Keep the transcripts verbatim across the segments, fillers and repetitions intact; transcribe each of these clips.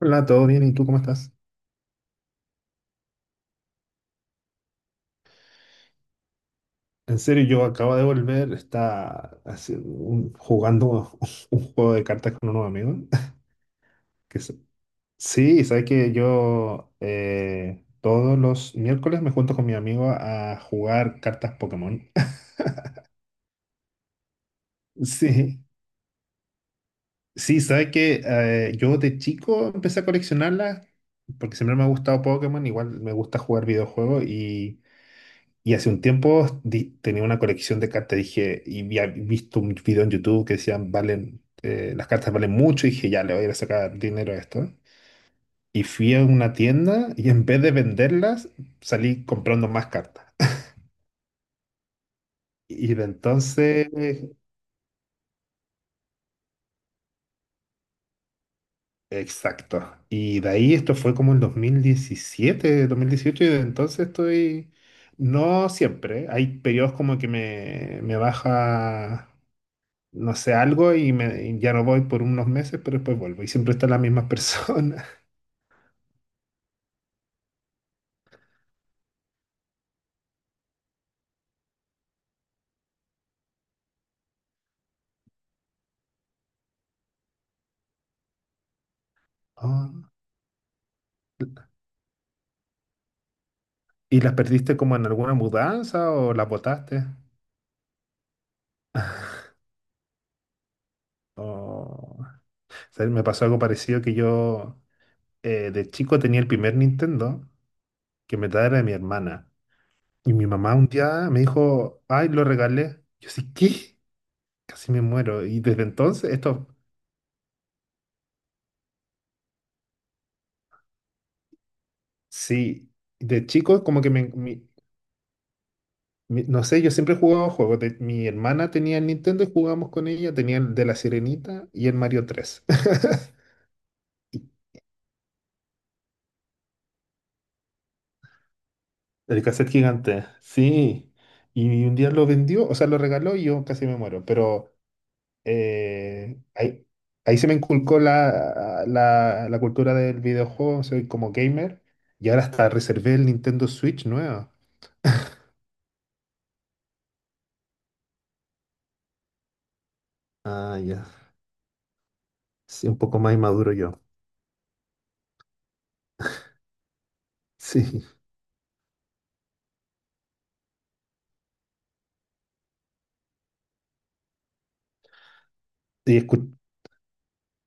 Hola, ¿todo bien? ¿Y tú cómo estás? En serio, yo acabo de volver, está haciendo un- jugando un juego de cartas con unos amigos. Que se- sí, sabes que yo eh, todos los miércoles me junto con mi amigo a jugar cartas Pokémon. Sí, sí, sabes que eh, yo de chico empecé a coleccionarlas porque siempre me ha gustado Pokémon, igual me gusta jugar videojuegos. Y hace un tiempo di- tenía una colección de cartas, dije, y había visto un video en YouTube que decían, valen, eh, las cartas valen mucho, y dije, ya, le voy a ir a sacar dinero a esto. Y fui a una tienda y en vez de venderlas, salí comprando más cartas. Y de entonces, exacto. Y de ahí esto fue como en dos mil diecisiete, dos mil dieciocho y de entonces estoy, no siempre, hay periodos como que me, me baja. No sé, algo y, me, y ya no voy por unos meses, pero después vuelvo. Y siempre están las mismas personas. Oh. ¿Y las perdiste como en alguna mudanza o las botaste? O... o me pasó algo parecido que yo, eh, de chico tenía el primer Nintendo que me traía de mi hermana. Y mi mamá un día me dijo, ay, lo regalé. Yo, sí, ¿qué? Casi me muero. Y desde entonces, esto, sí, de chico como que me, mi- Mi- no sé, yo siempre he jugado juegos. De- mi hermana tenía el Nintendo y jugábamos con ella. Tenía el de la Sirenita y el Mario tres. El cassette gigante, sí. Y un día lo vendió, o sea, lo regaló y yo casi me muero. Pero eh, ahí, ahí se me inculcó la, la, la cultura del videojuego. Soy como gamer. Y ahora hasta reservé el Nintendo Switch nuevo. Ah, ya. Sí, un poco más inmaduro yo. Sí. Y escu-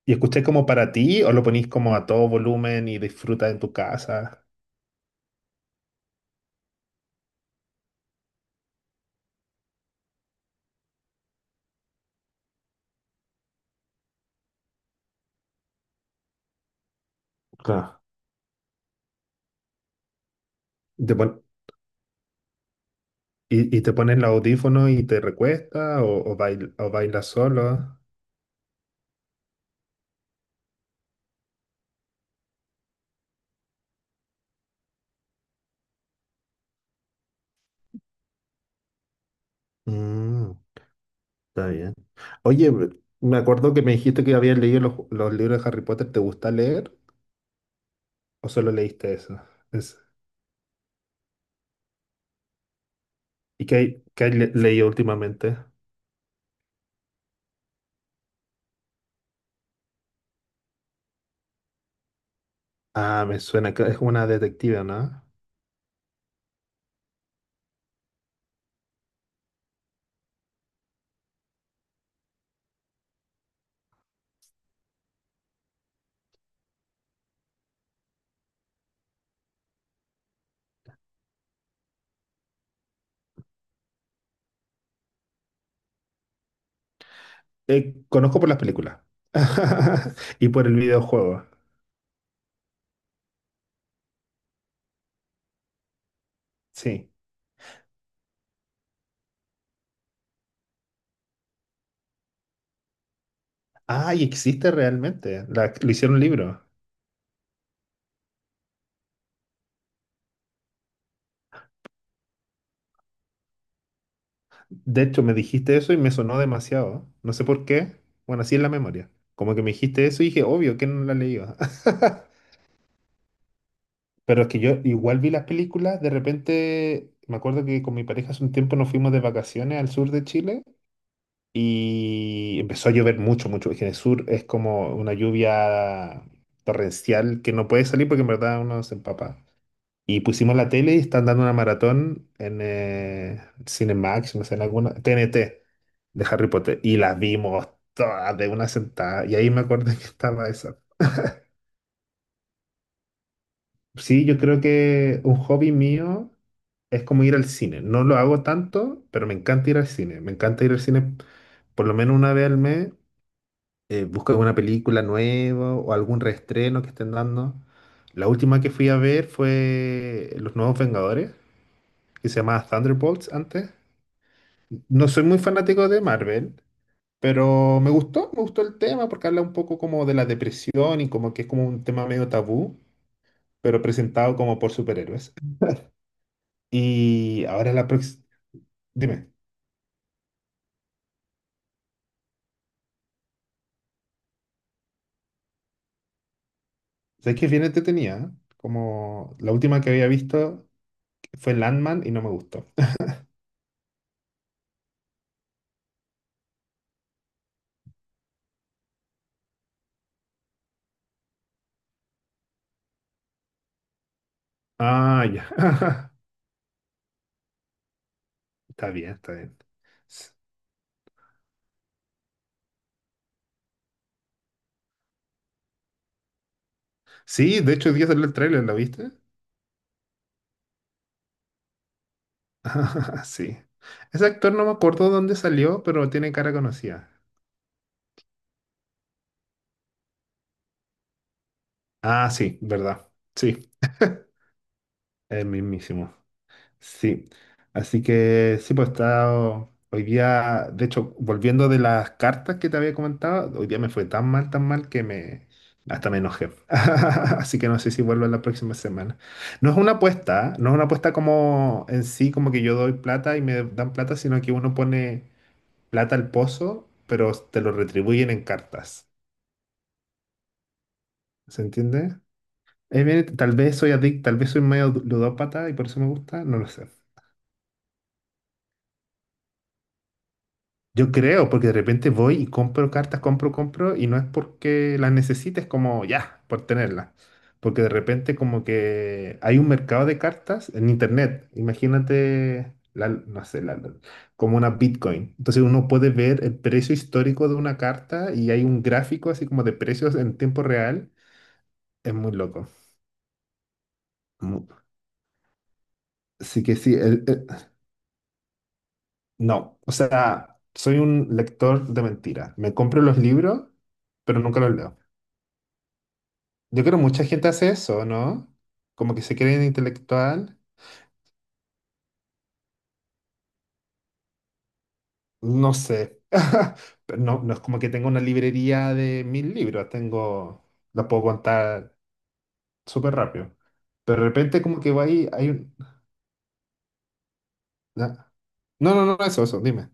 ¿Y escucháis como para ti o lo ponís como a todo volumen y disfrutas en tu casa? Claro. ¿Y te, pon- y, y te pones los audífonos y te recuestas o, o, bail- o bailas solo? Mm, Está bien. Oye, me me acuerdo que me dijiste que habías leído los, los libros de Harry Potter. ¿Te gusta leer o solo leíste eso? Es- ¿Y qué, hay- qué has le- leído últimamente? Ah, me suena que es una detective, ¿no? Eh, conozco por las películas. Y por el videojuego, sí. Ay, existe realmente. La, lo hicieron libro. De hecho, me dijiste eso y me sonó demasiado. No sé por qué. Bueno, así es la memoria. Como que me dijiste eso y dije, obvio, ¿que no la leído? Pero es que yo igual vi las películas. De repente, me acuerdo que con mi pareja hace un tiempo nos fuimos de vacaciones al sur de Chile y empezó a llover mucho, mucho. Es que en el sur es como una lluvia torrencial que no puede salir porque en verdad uno se empapa. Y pusimos la tele y están dando una maratón en eh, Cinemax, no sé, en alguna, T N T de Harry Potter. Y las vimos todas de una sentada. Y ahí me acordé que estaba esa. Sí, yo creo que un hobby mío es como ir al cine. No lo hago tanto, pero me encanta ir al cine. Me encanta ir al cine por lo menos una vez al mes. Eh, busco alguna película nueva o algún reestreno que estén dando. La última que fui a ver fue Los Nuevos Vengadores, que se llamaba Thunderbolts antes. No soy muy fanático de Marvel, pero me gustó, me gustó el tema porque habla un poco como de la depresión y como que es como un tema medio tabú, pero presentado como por superhéroes. Y ahora la próxima, dime, ¿sabes que es bien entretenida? ¿Eh? Como la última que había visto fue Landman y no me gustó. Ah, ya. Está bien, está bien. S- Sí, de hecho, hoy día salió el tráiler, ¿lo viste? Sí. Ese actor no me acuerdo dónde salió, pero tiene cara conocida. Ah, sí, verdad. Sí. El mismísimo. Sí. Así que sí, pues estaba hoy día, de hecho, volviendo de las cartas que te había comentado, hoy día me fue tan mal, tan mal que me hasta me enojé. Así que no sé si vuelvo la próxima semana. No es una apuesta, ¿ah? No es una apuesta como en sí, como que yo doy plata y me dan plata, sino que uno pone plata al pozo, pero te lo retribuyen en cartas. ¿Se entiende? Eh, bien, tal vez soy adicto, tal vez soy medio ludópata y por eso me gusta, no lo sé. Yo creo, porque de repente voy y compro cartas, compro, compro, y no es porque las necesites como ya, por tenerlas. Porque de repente como que hay un mercado de cartas en internet. Imagínate, la, no sé, la- la- como una Bitcoin. Entonces uno puede ver el precio histórico de una carta y hay un gráfico así como de precios en tiempo real. Es muy loco. Mu- Así que sí, el- el- no, o sea, soy un lector de mentiras. Me compro los libros, pero nunca los leo. Yo creo que mucha gente hace eso, ¿no? Como que se creen intelectual. No sé. Pero no, no es como que tenga una librería de mil libros. Tengo, los puedo contar súper rápido. Pero de repente como que va ahí, hay un... na- No, no, no, eso, eso, dime.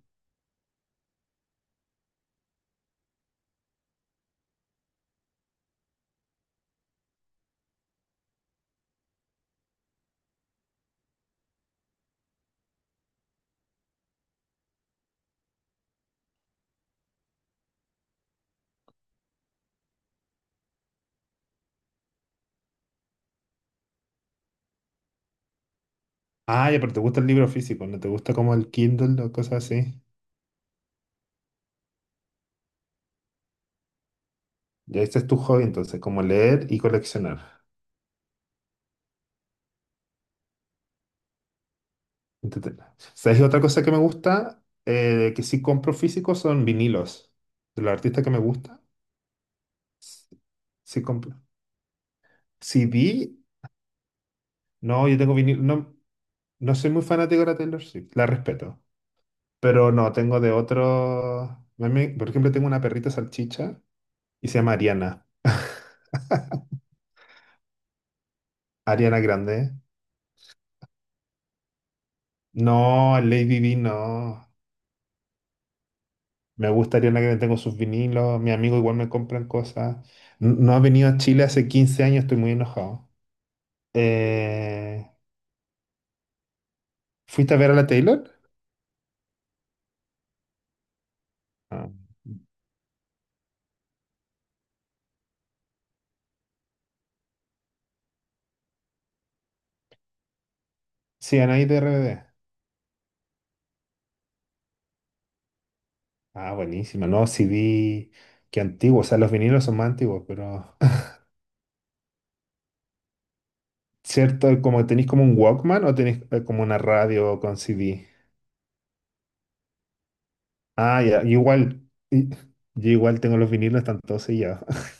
Ah, ya, pero te gusta el libro físico, ¿no te gusta como el Kindle o cosas así? Ya ese es tu hobby, entonces, como leer y coleccionar. Entrete- ¿Sabes otra cosa que me gusta? Eh, que sí compro físico son vinilos. De los artistas que me gusta. Sí, compro. C D, no, yo tengo vinil. No, no soy muy fanático de la Taylor Swift, la respeto. Pero no, tengo de otros. a mí- Por ejemplo, tengo una perrita salchicha y se llama Ariana. Ariana Grande. No, Lady B, no. Me gusta Ariana Grande, tengo sus vinilos. Mis amigos igual me compran cosas. N- No ha venido a Chile hace quince años, estoy muy enojado. Eh, ¿Fuiste a ver a la Taylor? Ah. Sí, Anaí de R B D. Ah, buenísima. No, C D, que antiguo. O sea, los vinilos son más antiguos, pero. ¿Cierto? Como tenéis como un Walkman o tenéis eh, como una radio con C D. Ah, ya. Yo igual. y- Yo igual tengo los vinilos, están todos sellados.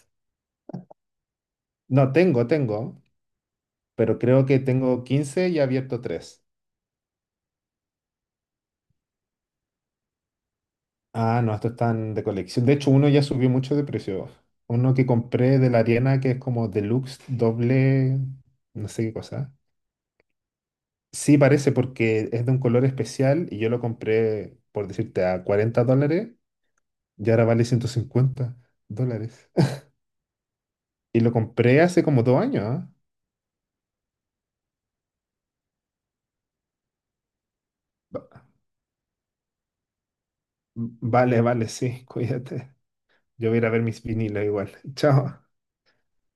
No, tengo, tengo. Pero creo que tengo quince y he abierto tres. Ah, no, estos están de colección. De hecho, uno ya subió mucho de precio. Uno que compré de la Ariana, que es como deluxe, doble, no sé qué cosa. Sí, parece porque es de un color especial y yo lo compré, por decirte, a cuarenta dólares y ahora vale ciento cincuenta dólares. Y lo compré hace como dos años, ¿ah? Va- Vale, vale, sí, cuídate. Yo voy a ir a ver mis vinilos igual. Chao.